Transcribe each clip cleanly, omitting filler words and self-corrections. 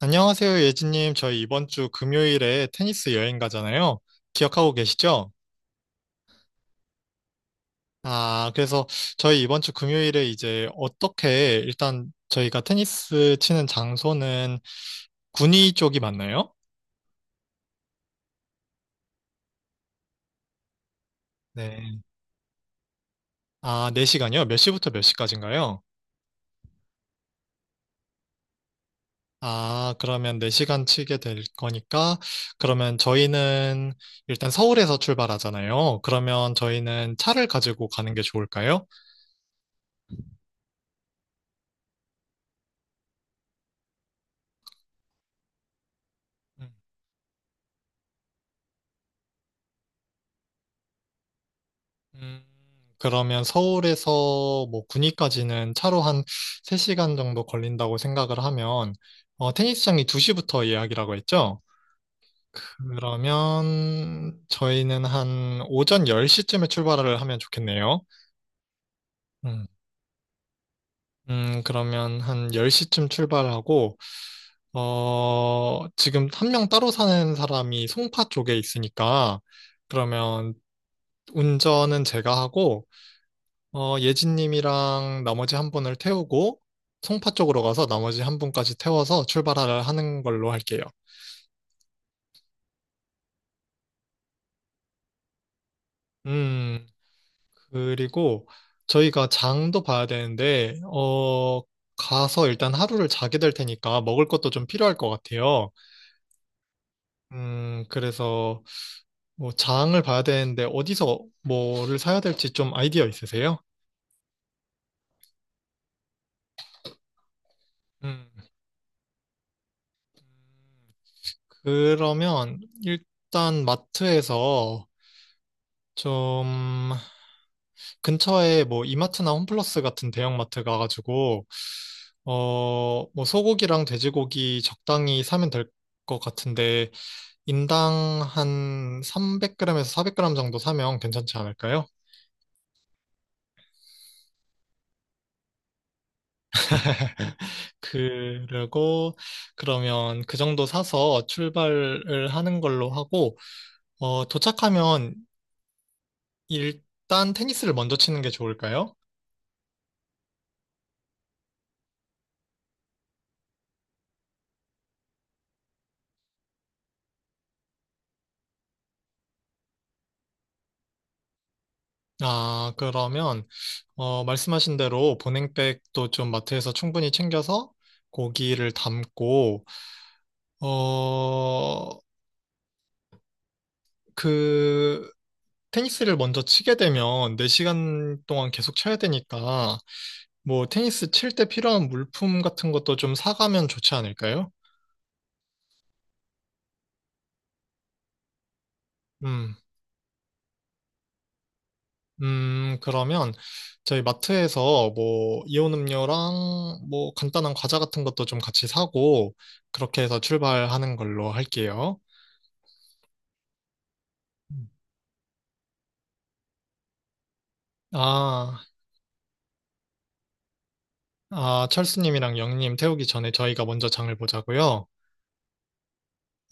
안녕하세요, 예진님. 저희 이번 주 금요일에 테니스 여행 가잖아요. 기억하고 계시죠? 그래서 저희 이번 주 금요일에 이제 어떻게 일단 저희가 테니스 치는 장소는 군위 쪽이 맞나요? 네. 아, 4시간이요? 몇 시부터 몇 시까지인가요? 아, 그러면 4시간 치게 될 거니까 그러면 저희는 일단 서울에서 출발하잖아요. 그러면 저희는 차를 가지고 가는 게 좋을까요? 음. 음, 그러면 서울에서 뭐 구리까지는 차로 한 3시간 정도 걸린다고 생각을 하면, 테니스장이 2시부터 예약이라고 했죠? 그러면 저희는 한 오전 10시쯤에 출발을 하면 좋겠네요. 음, 그러면 한 10시쯤 출발하고, 지금 한 명 따로 사는 사람이 송파 쪽에 있으니까, 그러면 운전은 제가 하고, 예진님이랑 나머지 한 분을 태우고 송파 쪽으로 가서 나머지 한 분까지 태워서 출발을 하는 걸로 할게요. 음, 그리고 저희가 장도 봐야 되는데, 가서 일단 하루를 자게 될 테니까 먹을 것도 좀 필요할 것 같아요. 그래서 뭐 장을 봐야 되는데 어디서 뭐를 사야 될지 좀 아이디어 있으세요? 음, 그러면 일단 마트에서 좀 근처에 뭐 이마트나 홈플러스 같은 대형마트 가가지고 어 뭐 소고기랑 돼지고기 적당히 사면 될 것 같은데 인당 한 300g에서 400g 정도 사면 괜찮지 않을까요? 그리고 그러면 그 정도 사서 출발을 하는 걸로 하고 도착하면 일단 테니스를 먼저 치는 게 좋을까요? 아, 그러면 말씀하신 대로 보냉백도 좀 마트에서 충분히 챙겨서 고기를 담고, 어, 그, 테니스를 먼저 치게 되면 4시간 동안 계속 쳐야 되니까, 뭐, 테니스 칠 때 필요한 물품 같은 것도 좀 사가면 좋지 않을까요? 음, 그러면 저희 마트에서 뭐, 이온 음료랑 뭐, 간단한 과자 같은 것도 좀 같이 사고, 그렇게 해서 출발하는 걸로 할게요. 음. 아, 아, 철수님이랑 영님 태우기 전에 저희가 먼저 장을 보자고요.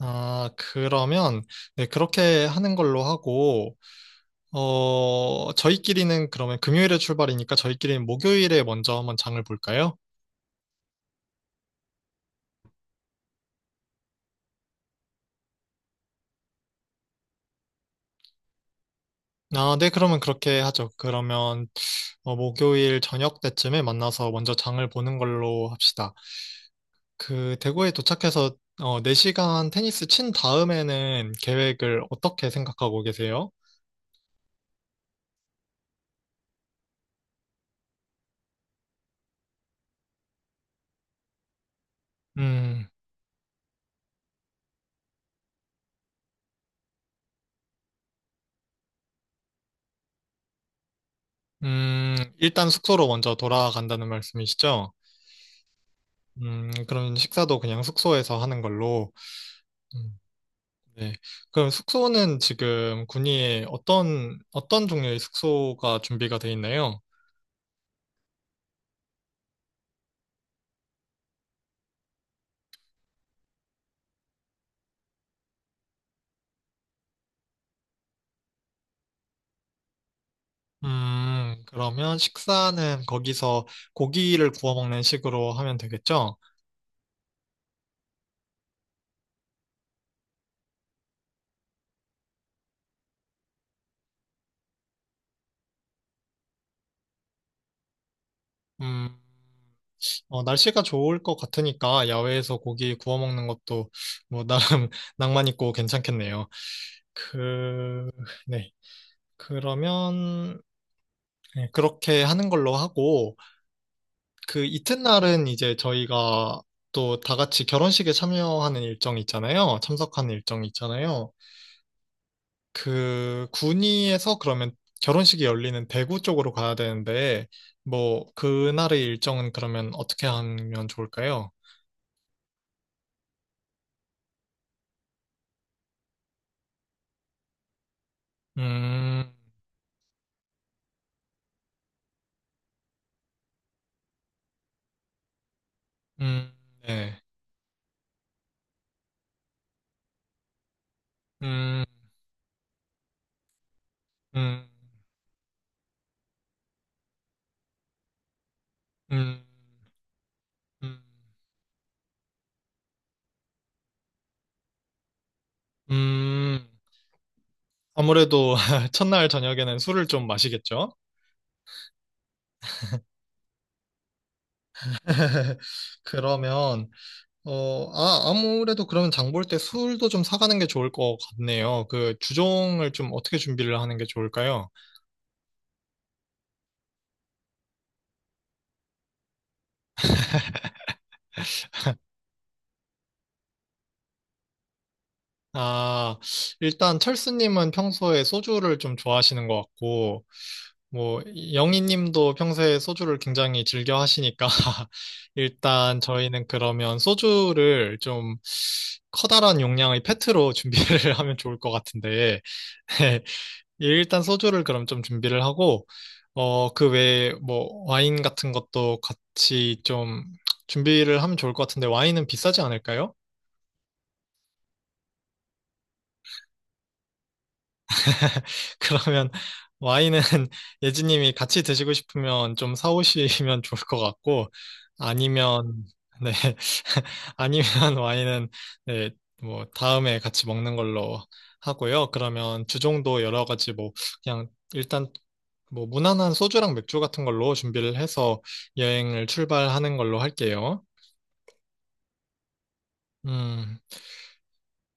아, 그러면, 네, 그렇게 하는 걸로 하고, 저희끼리는 그러면 금요일에 출발이니까 저희끼리는 목요일에 먼저 한번 장을 볼까요? 아, 네, 그러면 그렇게 하죠. 그러면, 목요일 저녁 때쯤에 만나서 먼저 장을 보는 걸로 합시다. 대구에 도착해서, 4시간 테니스 친 다음에는 계획을 어떻게 생각하고 계세요? 음. 일단 숙소로 먼저 돌아간다는 말씀이시죠? 그럼 식사도 그냥 숙소에서 하는 걸로. 음, 네. 그럼 숙소는 지금 군위에 어떤 종류의 숙소가 준비가 돼 있나요? 그러면 식사는 거기서 고기를 구워 먹는 식으로 하면 되겠죠? 음, 날씨가 좋을 것 같으니까 야외에서 고기 구워 먹는 것도 뭐 나름 낭만 있고 괜찮겠네요. 그, 네. 그러면 네, 그렇게 하는 걸로 하고, 그 이튿날은 이제 저희가 또 다 같이 결혼식에 참여하는 일정이 있잖아요. 참석하는 일정이 있잖아요. 그 군위에서 그러면 결혼식이 열리는 대구 쪽으로 가야 되는데, 뭐, 그날의 일정은 그러면 어떻게 하면 좋을까요? 음, 음, 네. 음, 음, 음, 음, 음. 아무래도 첫날 저녁에는 술을 좀 마시겠죠? 그러면 아무래도 그러면 장볼 때 술도 좀 사가는 게 좋을 것 같네요. 그 주종을 좀 어떻게 준비를 하는 게 좋을까요? 아, 일단 철수님은 평소에 소주를 좀 좋아하시는 것 같고, 뭐 영희님도 평소에 소주를 굉장히 즐겨 하시니까 일단 저희는 그러면 소주를 좀 커다란 용량의 페트로 준비를 하면 좋을 것 같은데. 예, 일단 소주를 그럼 좀 준비를 하고, 그 외에 뭐 와인 같은 것도 같이 좀 준비를 하면 좋을 것 같은데 와인은 비싸지 않을까요? 그러면 와인은 예지님이 같이 드시고 싶으면 좀 사오시면 좋을 것 같고, 아니면, 네, 아니면 와인은, 네, 뭐, 다음에 같이 먹는 걸로 하고요. 그러면 주종도 여러 가지 뭐, 그냥 일단 뭐, 무난한 소주랑 맥주 같은 걸로 준비를 해서 여행을 출발하는 걸로 할게요. 음.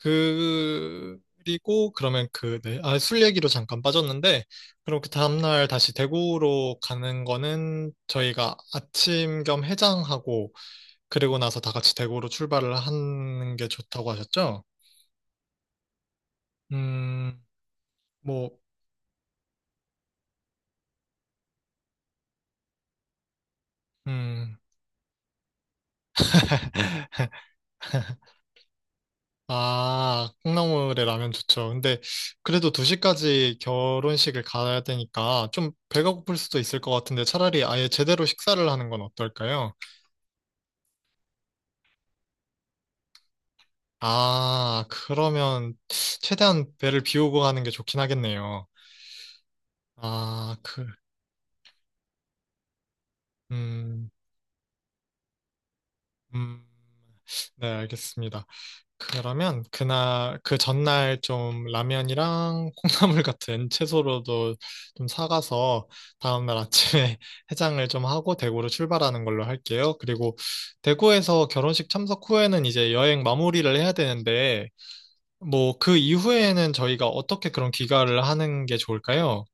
그리고 그러면 네. 아, 술 얘기로 잠깐 빠졌는데, 그럼 그 다음날 다시 대구로 가는 거는 저희가 아침 겸 해장하고, 그리고 나서 다 같이 대구로 출발을 하는 게 좋다고 하셨죠? 음, 뭐, 음, 아, 콩나물에 라면 좋죠. 근데 그래도 2시까지 결혼식을 가야 되니까 좀 배가 고플 수도 있을 것 같은데 차라리 아예 제대로 식사를 하는 건 어떨까요? 아, 그러면 최대한 배를 비우고 가는 게 좋긴 하겠네요. 아, 음, 음, 네, 알겠습니다. 그러면 그날, 그 전날 좀 라면이랑 콩나물 같은 채소로도 좀 사가서 다음날 아침에 해장을 좀 하고 대구로 출발하는 걸로 할게요. 그리고 대구에서 결혼식 참석 후에는 이제 여행 마무리를 해야 되는데, 뭐 그 이후에는 저희가 어떻게 그런 귀가를 하는 게 좋을까요?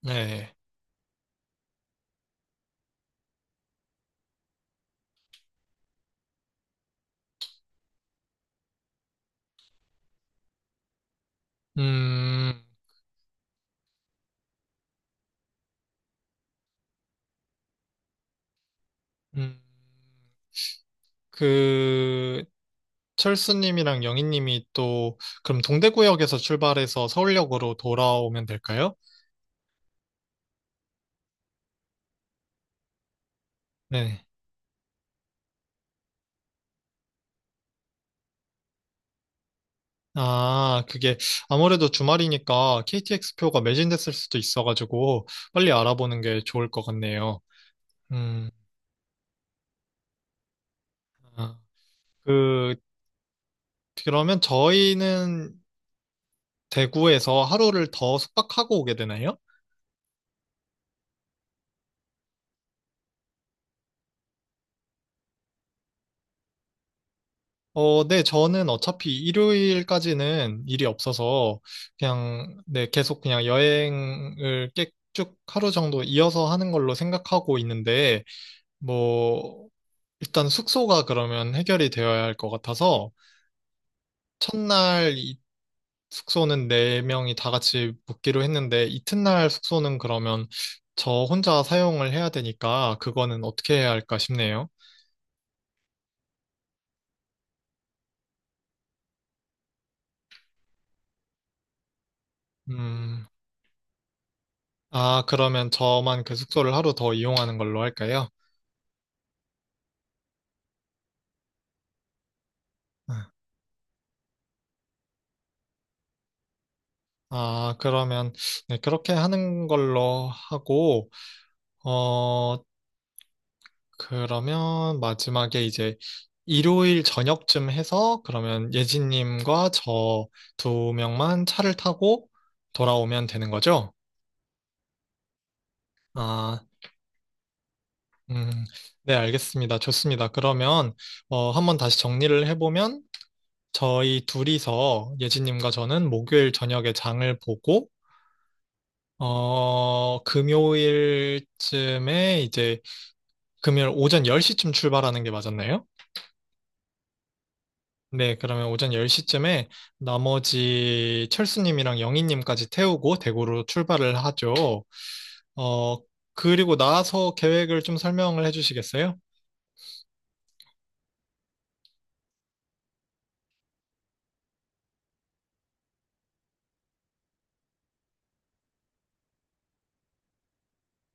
네. 음, 음, 그, 철수님이랑 영희님이 또, 그럼 동대구역에서 출발해서 서울역으로 돌아오면 될까요? 네. 아, 그게 아무래도 주말이니까 KTX 표가 매진됐을 수도 있어가지고 빨리 알아보는 게 좋을 것 같네요. 음, 아, 그, 그러면 저희는 대구에서 하루를 더 숙박하고 오게 되나요? 네, 저는 어차피 일요일까지는 일이 없어서 그냥, 네, 계속 그냥 여행을 쭉 하루 정도 이어서 하는 걸로 생각하고 있는데, 뭐, 일단 숙소가 그러면 해결이 되어야 할 것 같아서, 첫날 숙소는 네 명이 다 같이 묵기로 했는데, 이튿날 숙소는 그러면 저 혼자 사용을 해야 되니까, 그거는 어떻게 해야 할까 싶네요. 음, 아, 그러면 저만 그 숙소를 하루 더 이용하는 걸로 할까요? 아, 그러면, 네, 그렇게 하는 걸로 하고, 어, 그러면 마지막에 이제 일요일 저녁쯤 해서 그러면 예진님과 저 두 명만 차를 타고 돌아오면 되는 거죠? 아, 음, 네, 알겠습니다. 좋습니다. 그러면, 한번 다시 정리를 해보면, 저희 둘이서 예진님과 저는 목요일 저녁에 장을 보고, 금요일쯤에 이제 금요일 오전 10시쯤 출발하는 게 맞았나요? 네, 그러면 오전 10시쯤에 나머지 철수님이랑 영희님까지 태우고 대구로 출발을 하죠. 어, 그리고 나서 계획을 좀 설명을 해주시겠어요?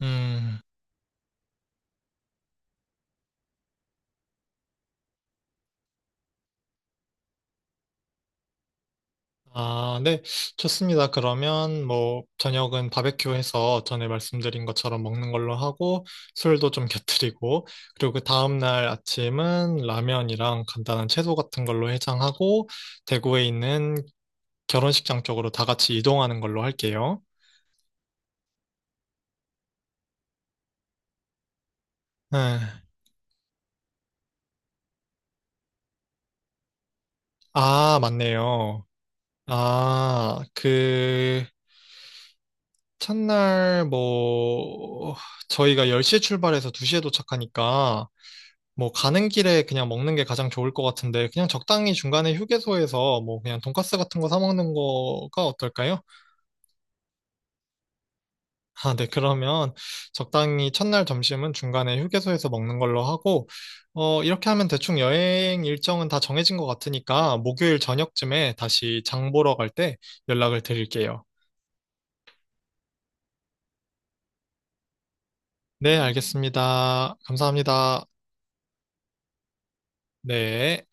음, 아, 네, 좋습니다. 그러면 뭐 저녁은 바베큐 해서 전에 말씀드린 것처럼 먹는 걸로 하고 술도 좀 곁들이고 그리고 그 다음날 아침은 라면이랑 간단한 채소 같은 걸로 해장하고 대구에 있는 결혼식장 쪽으로 다 같이 이동하는 걸로 할게요. 네. 아, 맞네요. 아, 첫날 뭐, 저희가 10시에 출발해서 2시에 도착하니까, 뭐, 가는 길에 그냥 먹는 게 가장 좋을 것 같은데, 그냥 적당히 중간에 휴게소에서 뭐, 그냥 돈까스 같은 거 사 먹는 거가 어떨까요? 아, 네, 그러면 적당히 첫날 점심은 중간에 휴게소에서 먹는 걸로 하고, 이렇게 하면 대충 여행 일정은 다 정해진 것 같으니까 목요일 저녁쯤에 다시 장 보러 갈 때 연락을 드릴게요. 네, 알겠습니다. 감사합니다. 네.